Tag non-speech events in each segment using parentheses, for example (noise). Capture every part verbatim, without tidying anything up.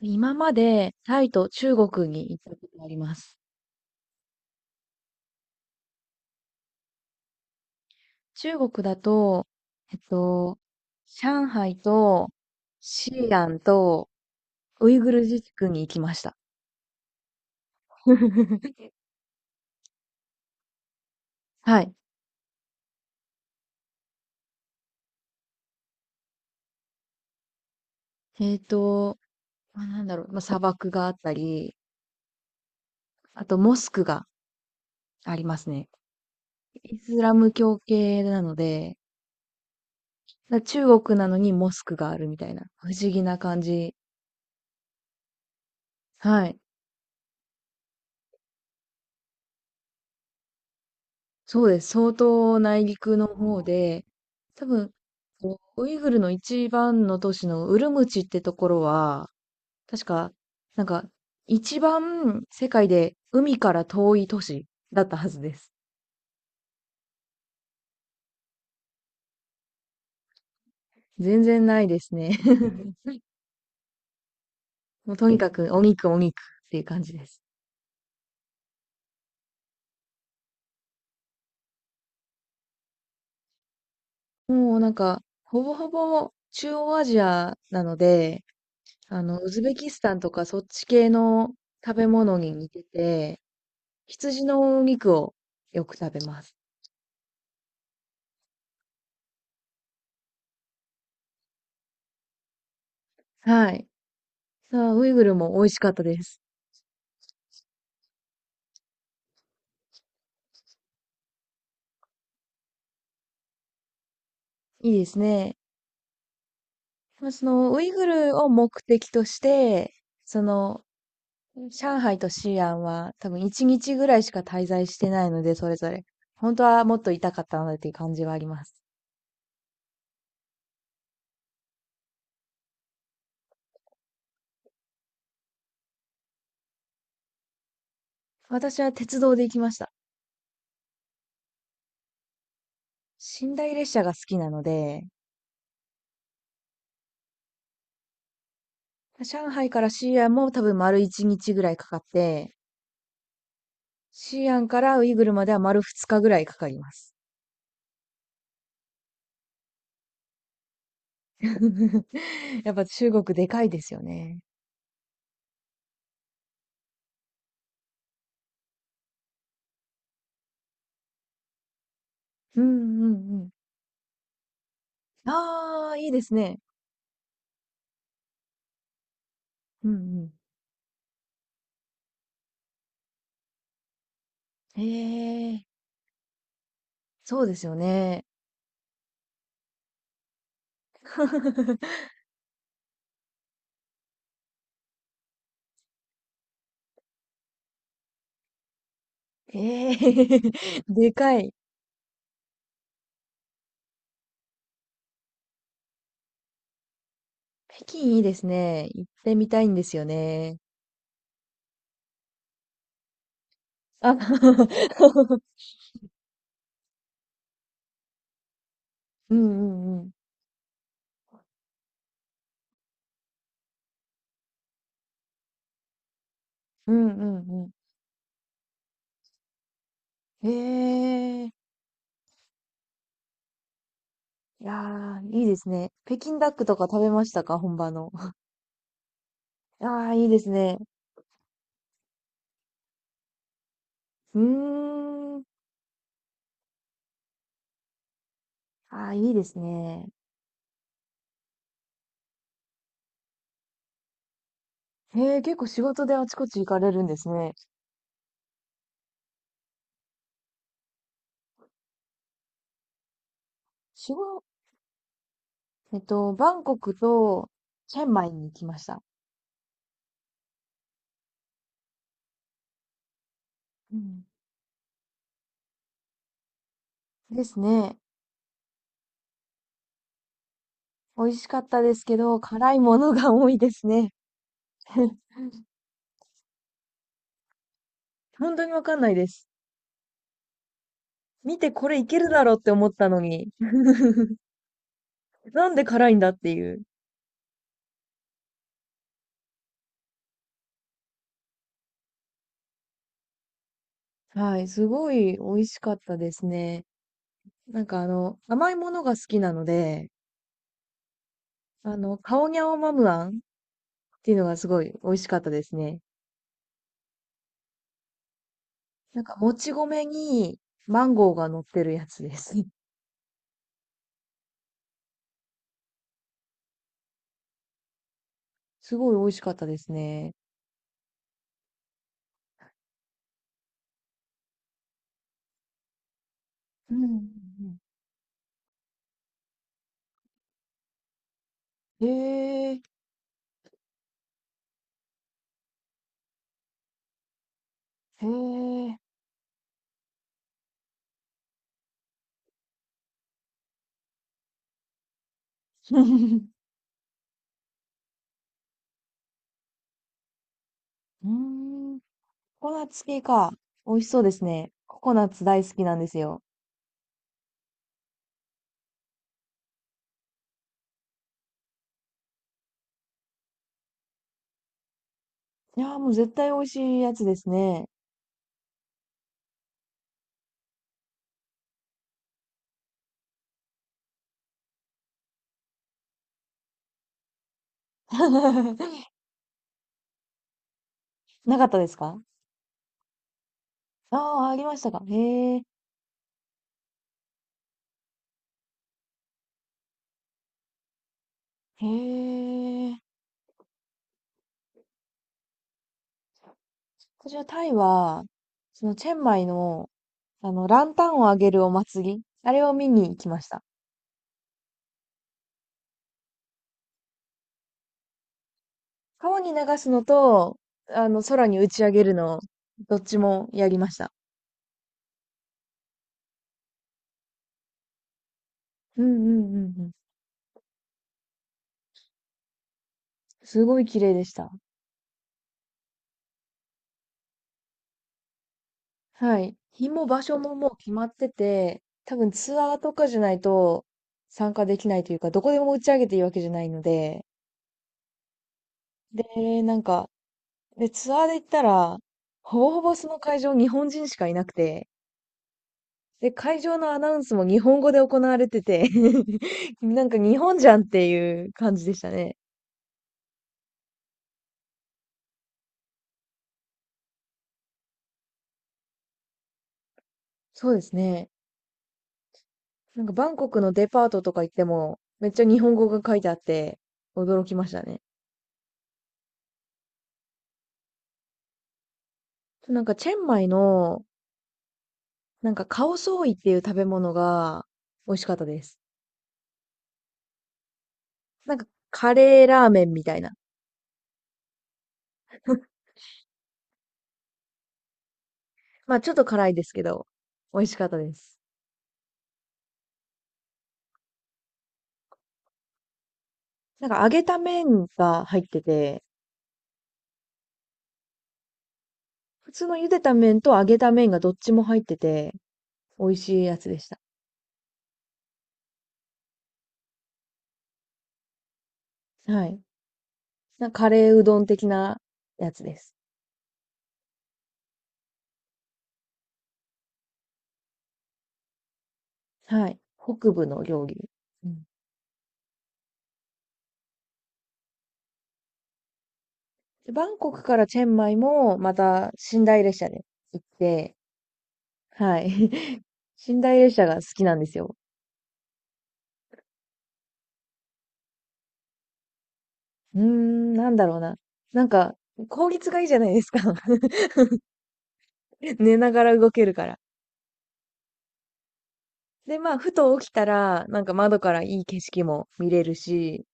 今までタイと中国に行ったことあります。中国だと、えっと、上海と西安とウイグル自治区に行きました。(laughs) はい。えっと、まあ、なんだろう、まあ、砂漠があったり、あとモスクがありますね。イスラム教系なので、だ中国なのにモスクがあるみたいな、不思議な感じ。はい。そうです。相当内陸の方で、多分、こうウイグルの一番の都市のウルムチってところは、確か、なんか、一番世界で海から遠い都市だったはずです。全然ないですね。(laughs) もうとにかくお肉お肉っていう感じです。もうなんか、ほぼほぼ中央アジアなので、あの、ウズベキスタンとかそっち系の食べ物に似てて、羊のお肉をよく食べます。はい。さあ、ウイグルも美味しかったです。いいですね。まあ、その、ウイグルを目的として、その、上海と西安は多分いちにちぐらいしか滞在してないので、それぞれ。本当はもっといたかったなっていう感じはあります。私は鉄道で行きました。寝台列車が好きなので、上海から西安も多分丸いちにちぐらいかかって、西安からウイグルまでは丸ふつかぐらいかかります。(laughs) やっぱ中国でかいですよね。うんうんうん。ああ、いいですね。うんうん。へえ、そうですよね。(laughs) へえ、(laughs) でかい。北京いいですね。行ってみたいんですよね。あ、(laughs) うんうんうん。うんうんうん。へえ。いやー、いいですね。北京ダックとか食べましたか本場の。(laughs) ああ、いいですね。うーん。ああ、いいですね。へえ、結構仕事であちこち行かれるんですね。仕事、えっと、バンコクとチェンマイに行きました。うん。ですね。美味しかったですけど、辛いものが多いですね。(laughs) 本当にわかんないです。見てこれいけるだろうって思ったのに、なんで辛いんだっていう。はい、すごい美味しかったですね。なんかあの、甘いものが好きなので、あの、カオニャオマムアンっていうのがすごい美味しかったですね。なんか、もち米にマンゴーが乗ってるやつです。(laughs) すごい美味しかったですね。うんうんうん。へえ、へえ。(laughs) うーん。ココナッツ系か。美味しそうですね。ココナッツ大好きなんですよ。いやー、もう絶対美味しいやつですね。(laughs) なかったですか？ああー、ありましたか。へえ、へえ。こちらタイは、そのチェンマイの、あの、ランタンをあげるお祭り、あれを見に行きました。川に流すのと、あの、空に打ち上げるの、どっちもやりました。うんうんうんうん。すごい綺麗でした。はい。日も場所ももう決まってて、多分ツアーとかじゃないと参加できないというか、どこでも打ち上げていいわけじゃないので、で、なんか、で、ツアーで行ったら、ほぼほぼその会場日本人しかいなくて、で、会場のアナウンスも日本語で行われてて (laughs) なんか日本じゃんっていう感じでしたね。そうですね。なんかバンコクのデパートとか行っても、めっちゃ日本語が書いてあって、驚きましたね。なんかチェンマイの、なんかカオソーイっていう食べ物が美味しかったです。なんかカレーラーメンみたいな。まあちょっと辛いですけど、美味しかったです。なんか揚げた麺が入ってて、普通の茹でた麺と揚げた麺がどっちも入ってて、美味しいやつでした。はい。なんかカレーうどん的なやつです。はい。北部の料理。うん。でバンコクからチェンマイも、また、寝台列車で行って、はい。(laughs) 寝台列車が好きなんですよ。うーん、なんだろうな。なんか、効率がいいじゃないですか。(laughs) 寝ながら動けるから。で、まあ、ふと起きたら、なんか窓からいい景色も見れるし、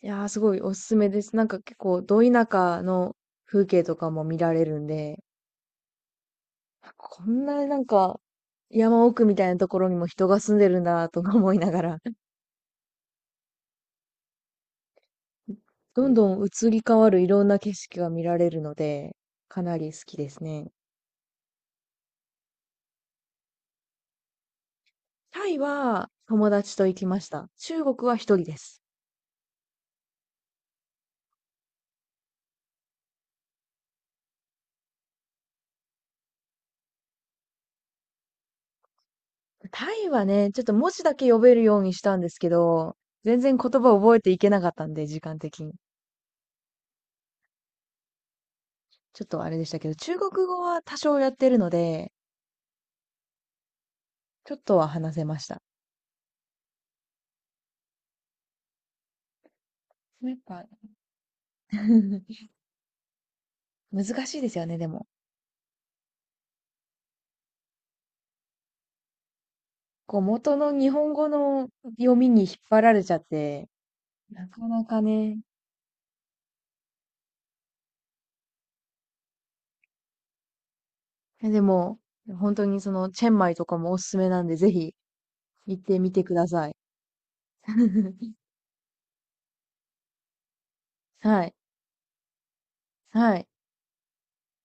いやー、すごいおすすめです。なんか結構、ど田舎の風景とかも見られるんで、こんななんか、山奥みたいなところにも人が住んでるんだとか思いながらどんどん移り変わるいろんな景色が見られるので、かなり好きですね。タイは友達と行きました。中国は一人です。タイはね、ちょっと文字だけ読めるようにしたんですけど、全然言葉を覚えていけなかったんで、時間的に。ちょっとあれでしたけど、中国語は多少やってるので、ちょっとは話せました。やっぱ (laughs) 難しいですよね、でも。こう元の日本語の読みに引っ張られちゃって、なかなかね、え、でも、本当にその、チェンマイとかもおすすめなんで、ぜひ行ってみてください。(laughs) はい。はい。